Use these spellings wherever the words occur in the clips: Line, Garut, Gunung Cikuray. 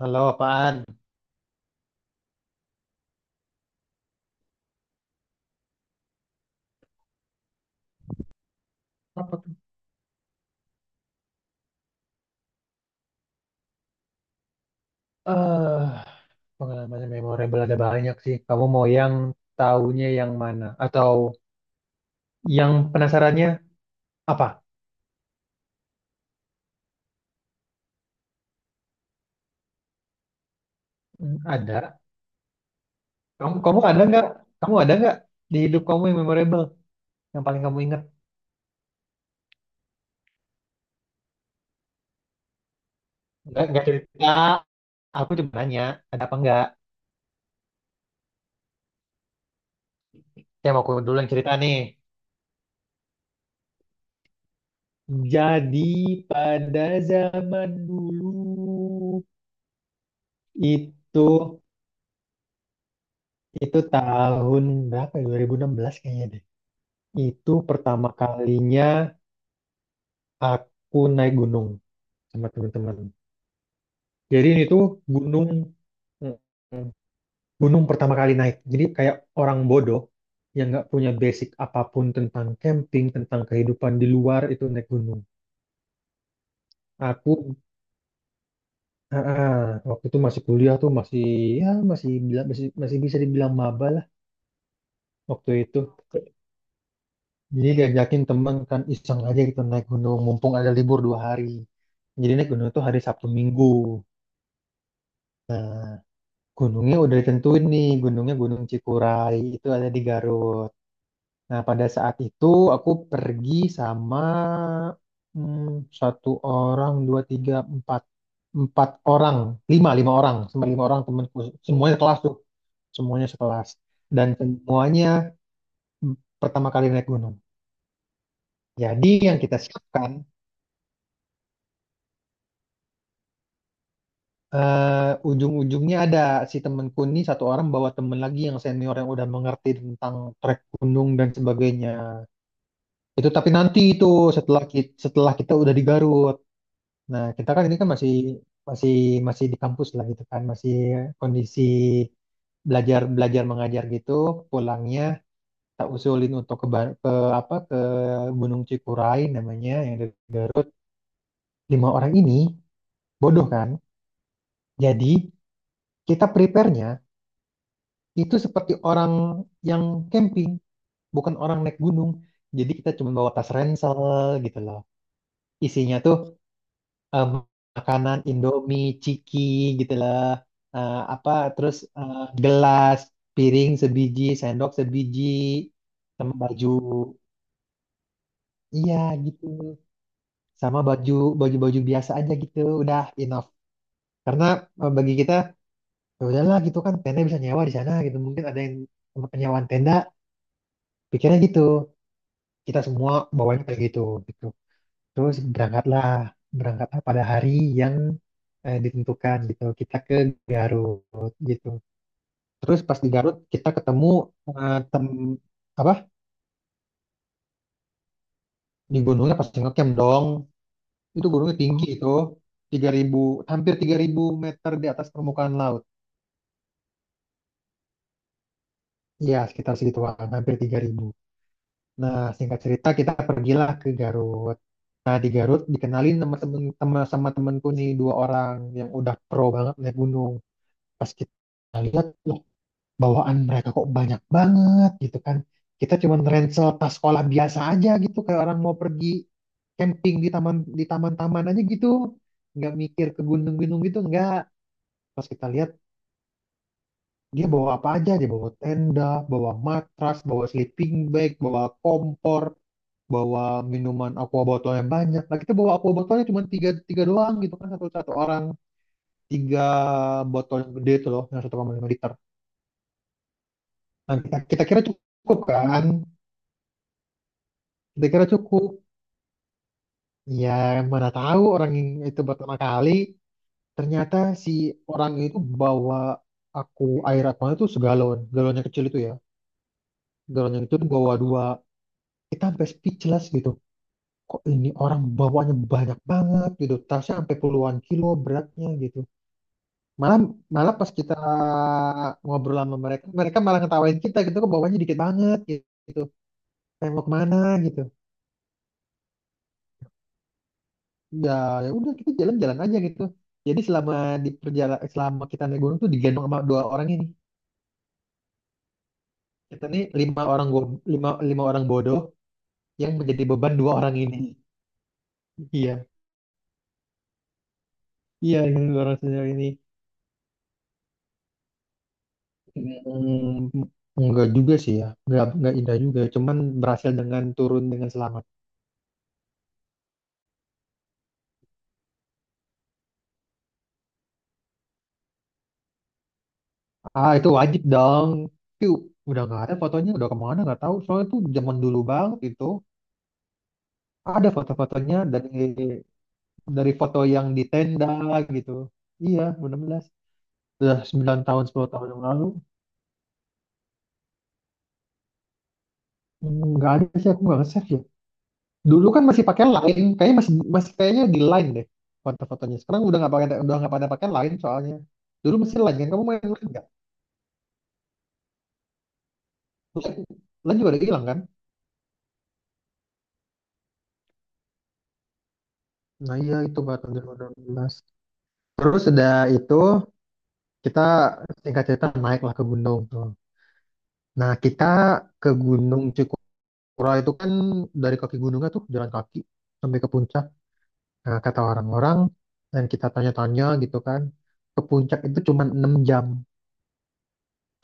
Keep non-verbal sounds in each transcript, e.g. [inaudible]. Halo, apaan? Apa tuh? Eh, pengalaman yang memorable ada banyak sih. Kamu mau yang tahunya yang mana? Atau yang penasarannya apa? Hmm, ada. Kamu ada nggak? Kamu ada nggak di hidup kamu yang memorable? Yang paling kamu ingat? Nggak cerita. Aku cuma nanya, ada apa nggak? Saya mau aku dulu yang cerita nih. Jadi pada zaman dulu itu itu tahun berapa ya? 2016 kayaknya deh. Itu pertama kalinya aku naik gunung sama teman-teman. Jadi ini tuh gunung, mm, gunung pertama kali naik. Jadi kayak orang bodoh yang nggak punya basic apapun tentang camping, tentang kehidupan di luar itu naik gunung. Aku ah, ah, waktu itu masih kuliah tuh masih, ya masih masih masih bisa dibilang maba lah waktu itu. Jadi diajakin teman kan iseng aja gitu naik gunung mumpung ada libur 2 hari. Jadi naik gunung tuh hari Sabtu Minggu. Nah, gunungnya udah ditentuin nih, gunungnya Gunung Cikuray itu ada di Garut. Nah, pada saat itu aku pergi sama hmm, satu orang, dua, tiga, empat, empat orang, lima, lima orang, sama lima orang temanku, semuanya kelas tuh, semuanya sekelas, dan semuanya mm, pertama kali naik gunung. Jadi yang kita siapkan, ujung-ujungnya ada si temanku ini, satu orang bawa temen lagi yang senior yang udah mengerti tentang trek gunung dan sebagainya. Itu tapi nanti itu setelah kita udah di Garut. Nah, kita kan ini kan masih masih masih di kampus lah gitu kan, masih kondisi belajar belajar mengajar gitu. Pulangnya tak usulin untuk ke, ke apa, ke Gunung Cikuray namanya yang dari Garut. Lima orang ini bodoh kan? Jadi kita prepare-nya itu seperti orang yang camping, bukan orang naik gunung. Jadi kita cuma bawa tas ransel gitu loh. Isinya tuh em, makanan Indomie, ciki gitu lah. Apa terus, gelas, piring sebiji, sendok sebiji, sama baju. Iya gitu. Sama baju-baju biasa aja gitu. Udah enough. Karena bagi kita ya udahlah gitu kan, tenda bisa nyewa di sana gitu. Mungkin ada yang tempat penyewaan tenda, pikirnya gitu. Kita semua bawanya kayak gitu gitu. Terus berangkatlah, berangkatlah pada hari yang, ditentukan gitu. Kita ke Garut gitu. Terus pas di Garut kita ketemu, eh, tem apa di gunungnya pas ngecamp dong. Itu gunungnya tinggi itu, 3.000, hampir 3.000 meter di atas permukaan laut. Iya, sekitar segituan, hampir 3.000. Nah, singkat cerita kita pergilah ke Garut. Nah, di Garut dikenalin sama temen, sama temenku nih, dua orang yang udah pro banget naik gunung. Pas kita lihat, loh, bawaan mereka kok banyak banget gitu kan. Kita cuman ransel tas sekolah biasa aja gitu, kayak orang mau pergi camping di taman-taman aja gitu. Nggak mikir ke gunung-gunung gitu nggak. Pas kita lihat dia bawa apa aja, dia bawa tenda, bawa matras, bawa sleeping bag, bawa kompor, bawa minuman aqua botol yang banyak. Nah kita bawa aqua botolnya cuma tiga, tiga doang gitu kan, satu satu orang tiga botol yang gede itu loh, yang 1,5 liter. Nah, kita kira cukup kan? Kita kira cukup. Ya, mana tahu orang yang itu pertama kali, ternyata si orang itu bawa aku air aqua itu segalon, galon kecil itu ya, galon yang kecil itu bawa dua. Kita sampai speechless gitu. Kok ini orang bawanya banyak banget gitu, tasnya sampai puluhan kilo beratnya gitu. Malah malah pas kita ngobrol sama mereka, mereka malah ngetawain kita gitu, kok bawanya dikit banget gitu. Kayak mau kemana gitu. Ya, ya udah kita jalan-jalan aja gitu. Jadi selama di perjalanan, selama kita naik gunung tuh digendong sama dua orang ini, kita nih lima orang lima lima orang bodoh yang menjadi beban dua orang ini. Iya, iya yang dua orang senior ini. Hmm, enggak juga sih, ya enggak indah juga, cuman berhasil dengan turun dengan selamat. Ah itu wajib dong. Itu udah nggak ada fotonya, udah kemana nggak tahu soalnya itu zaman dulu banget itu. Ada foto-fotonya dari, foto yang di tenda gitu. Iya, 16. Udah 9 tahun, 10 tahun yang lalu. Hmm, nggak ada sih, aku nggak nge-save ya. Dulu kan masih pakai Line, kayaknya masih masih kayaknya di Line deh foto-fotonya. Sekarang udah nggak pakai, udah nggak pada pakai Line soalnya. Dulu masih Line kan, kamu main Line nggak? Line, Line juga udah hilang kan? Nah iya itu baru tahun 2016. Terus udah itu kita singkat cerita naik lah ke gunung tuh. Nah kita ke Gunung Cikura itu kan dari kaki gunungnya tuh jalan kaki sampai ke puncak. Nah, kata orang-orang dan kita tanya-tanya gitu kan, ke puncak itu cuma 6 jam.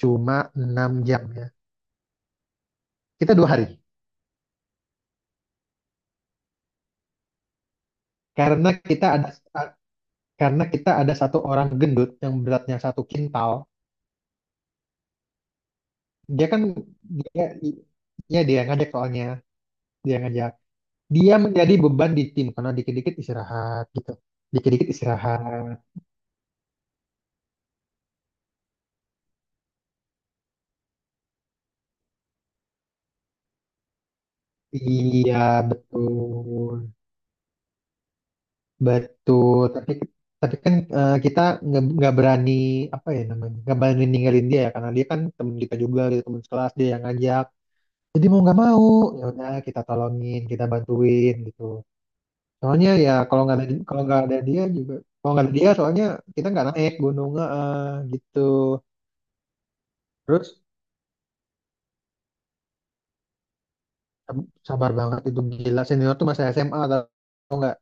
Cuma 6 jam ya. Kita 2 hari. Karena kita ada a- karena kita ada satu orang gendut yang beratnya 1 kintal. Dia kan dia ya dia yang ngajak soalnya, dia yang ngajak. Dia menjadi beban di tim karena dikit-dikit istirahat gitu. Dikit-dikit istirahat. Iya, betul. Betul, tapi kita nggak berani, apa ya namanya, nggak berani ninggalin dia ya karena dia kan teman kita juga, dia teman sekelas, dia yang ngajak. Jadi mau nggak mau, ya udah kita tolongin, kita bantuin gitu. Soalnya ya kalau nggak ada dia juga, kalau nggak ada dia soalnya kita nggak naik gunung, gitu. Terus sabar banget itu, gila, senior tuh masih SMA atau nggak?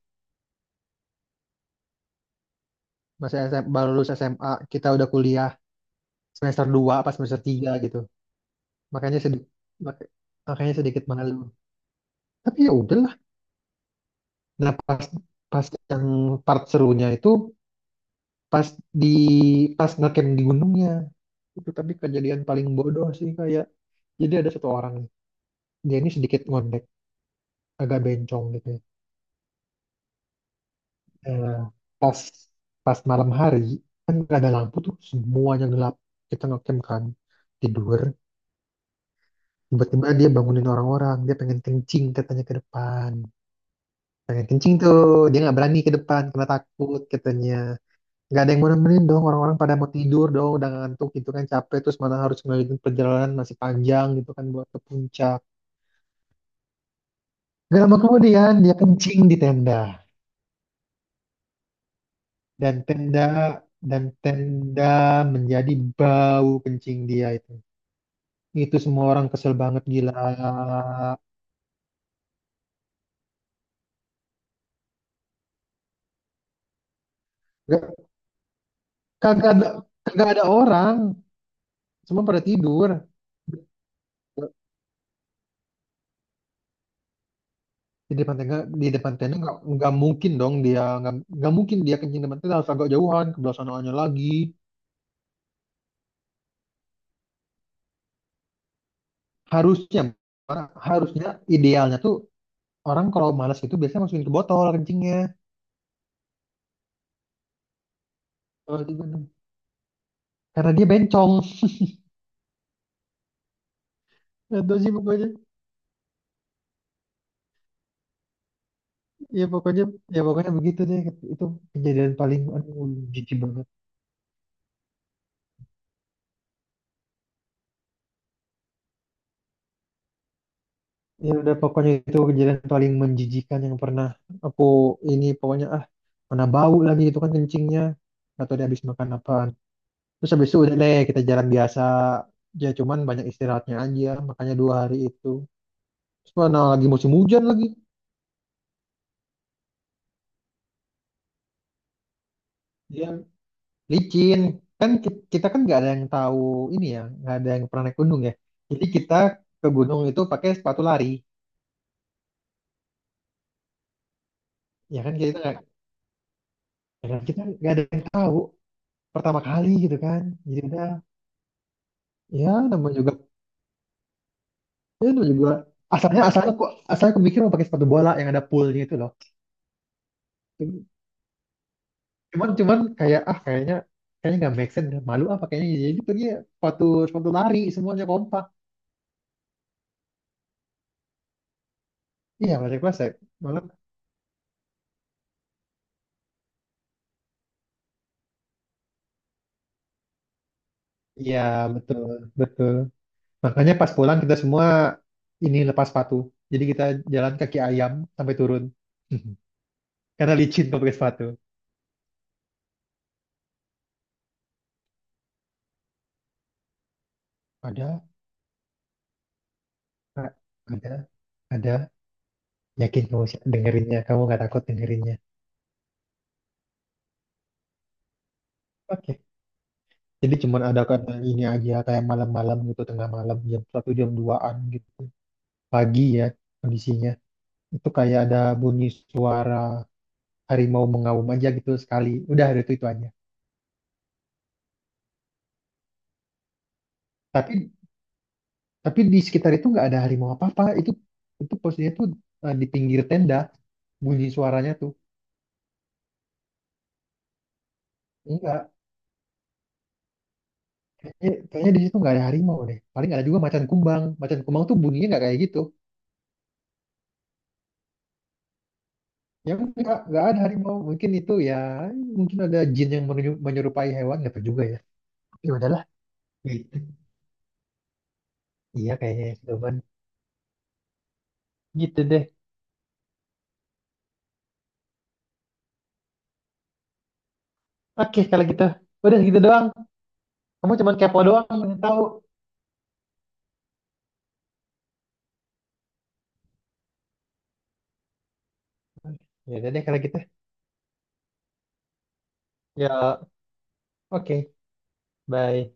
Masih SMA, baru lulus SMA, kita udah kuliah semester 2 apa semester 3 gitu. makanya sedikit makanya sedikit malu, tapi ya udahlah. Nah pas, pas yang part serunya itu, pas di pas ngecamp di gunungnya, itu tapi kejadian paling bodoh sih, kayak jadi ada satu orang nih, dia ini sedikit ngondek, agak bencong gitu ya. Eh, pas pas malam hari kan nggak ada lampu tuh, semuanya gelap, kita ngecamp kan, tidur, tiba-tiba dia bangunin orang-orang, dia pengen kencing katanya, ke depan pengen kencing tuh, dia nggak berani ke depan karena takut katanya. Nggak ada yang mau nemenin dong, orang-orang pada mau tidur dong, udah ngantuk gitu kan, capek, terus mana harus melanjutkan perjalanan masih panjang gitu kan buat ke puncak. Gak lama kemudian dia kencing di tenda, dan tenda menjadi bau, kencing dia itu semua orang kesel banget gila. Gak, kagak ada kagak ada orang, semua pada tidur. di depan tenda di depan tenda nggak mungkin dong dia nggak mungkin dia kencing depan tenda, harus agak jauhan ke belah sononya lagi. Harusnya harusnya idealnya tuh, orang kalau malas itu biasanya masukin ke botol kencingnya. Kalau di gunung. Karena dia bencong. [laughs] Itu sih pokoknya, ya pokoknya, begitu deh. Itu kejadian paling aduh, jijik banget. Ya udah pokoknya itu kejadian paling menjijikan yang pernah aku ini, pokoknya ah, mana bau lagi itu kan kencingnya, atau dia habis makan apa. Terus habis itu udah deh kita jalan biasa. Ya cuman banyak istirahatnya aja, makanya 2 hari itu. Terus mana lagi musim hujan lagi, dia licin. Kan kita kan nggak ada yang tahu ini ya, nggak ada yang pernah naik gunung ya. Jadi kita ke gunung itu pakai sepatu lari, ya kan kita nggak, ya kan, kita nggak ada yang tahu, pertama kali gitu kan. Jadi udah, ya namanya juga, ya namanya juga asalnya asalnya kok asalnya aku mikir mau pakai sepatu bola yang ada poolnya itu loh. Cuman cuman kayak, kayaknya kayaknya nggak make sense, malu apa, kayaknya. Jadi pergi ya, sepatu sepatu lari semuanya kompak. Iya plastik, plastik malam. Iya betul betul, makanya pas pulang kita semua ini lepas sepatu. Jadi kita jalan kaki ayam sampai turun [laughs] karena licin kalau pakai sepatu. Ada, Kak. Ada, ada. Yakin kamu sih dengerinnya? Kamu nggak takut dengerinnya? Oke, jadi cuman ada karena ini aja, kayak malam-malam gitu tengah malam jam 1, jam duaan gitu, pagi ya. Kondisinya itu kayak ada bunyi suara harimau mengaum aja gitu, sekali udah ada itu aja. Tapi di sekitar itu nggak ada harimau apa apa itu. Itu posisinya tuh di pinggir tenda bunyi suaranya tuh. Enggak, kayaknya di situ nggak ada harimau deh, paling ada juga macan kumbang, macan kumbang tuh bunyinya nggak kayak gitu. Ya, nggak ada harimau mungkin itu ya, mungkin ada jin yang menyerupai hewan, nggak tahu juga ya. Ya udahlah gitu. Iya kayaknya ya, Doban. Gitu deh. Oke kalau gitu, udah gitu doang, kamu cuma kepo doang pengen tahu. Ya udah deh kalau gitu. Ya, oke. Bye.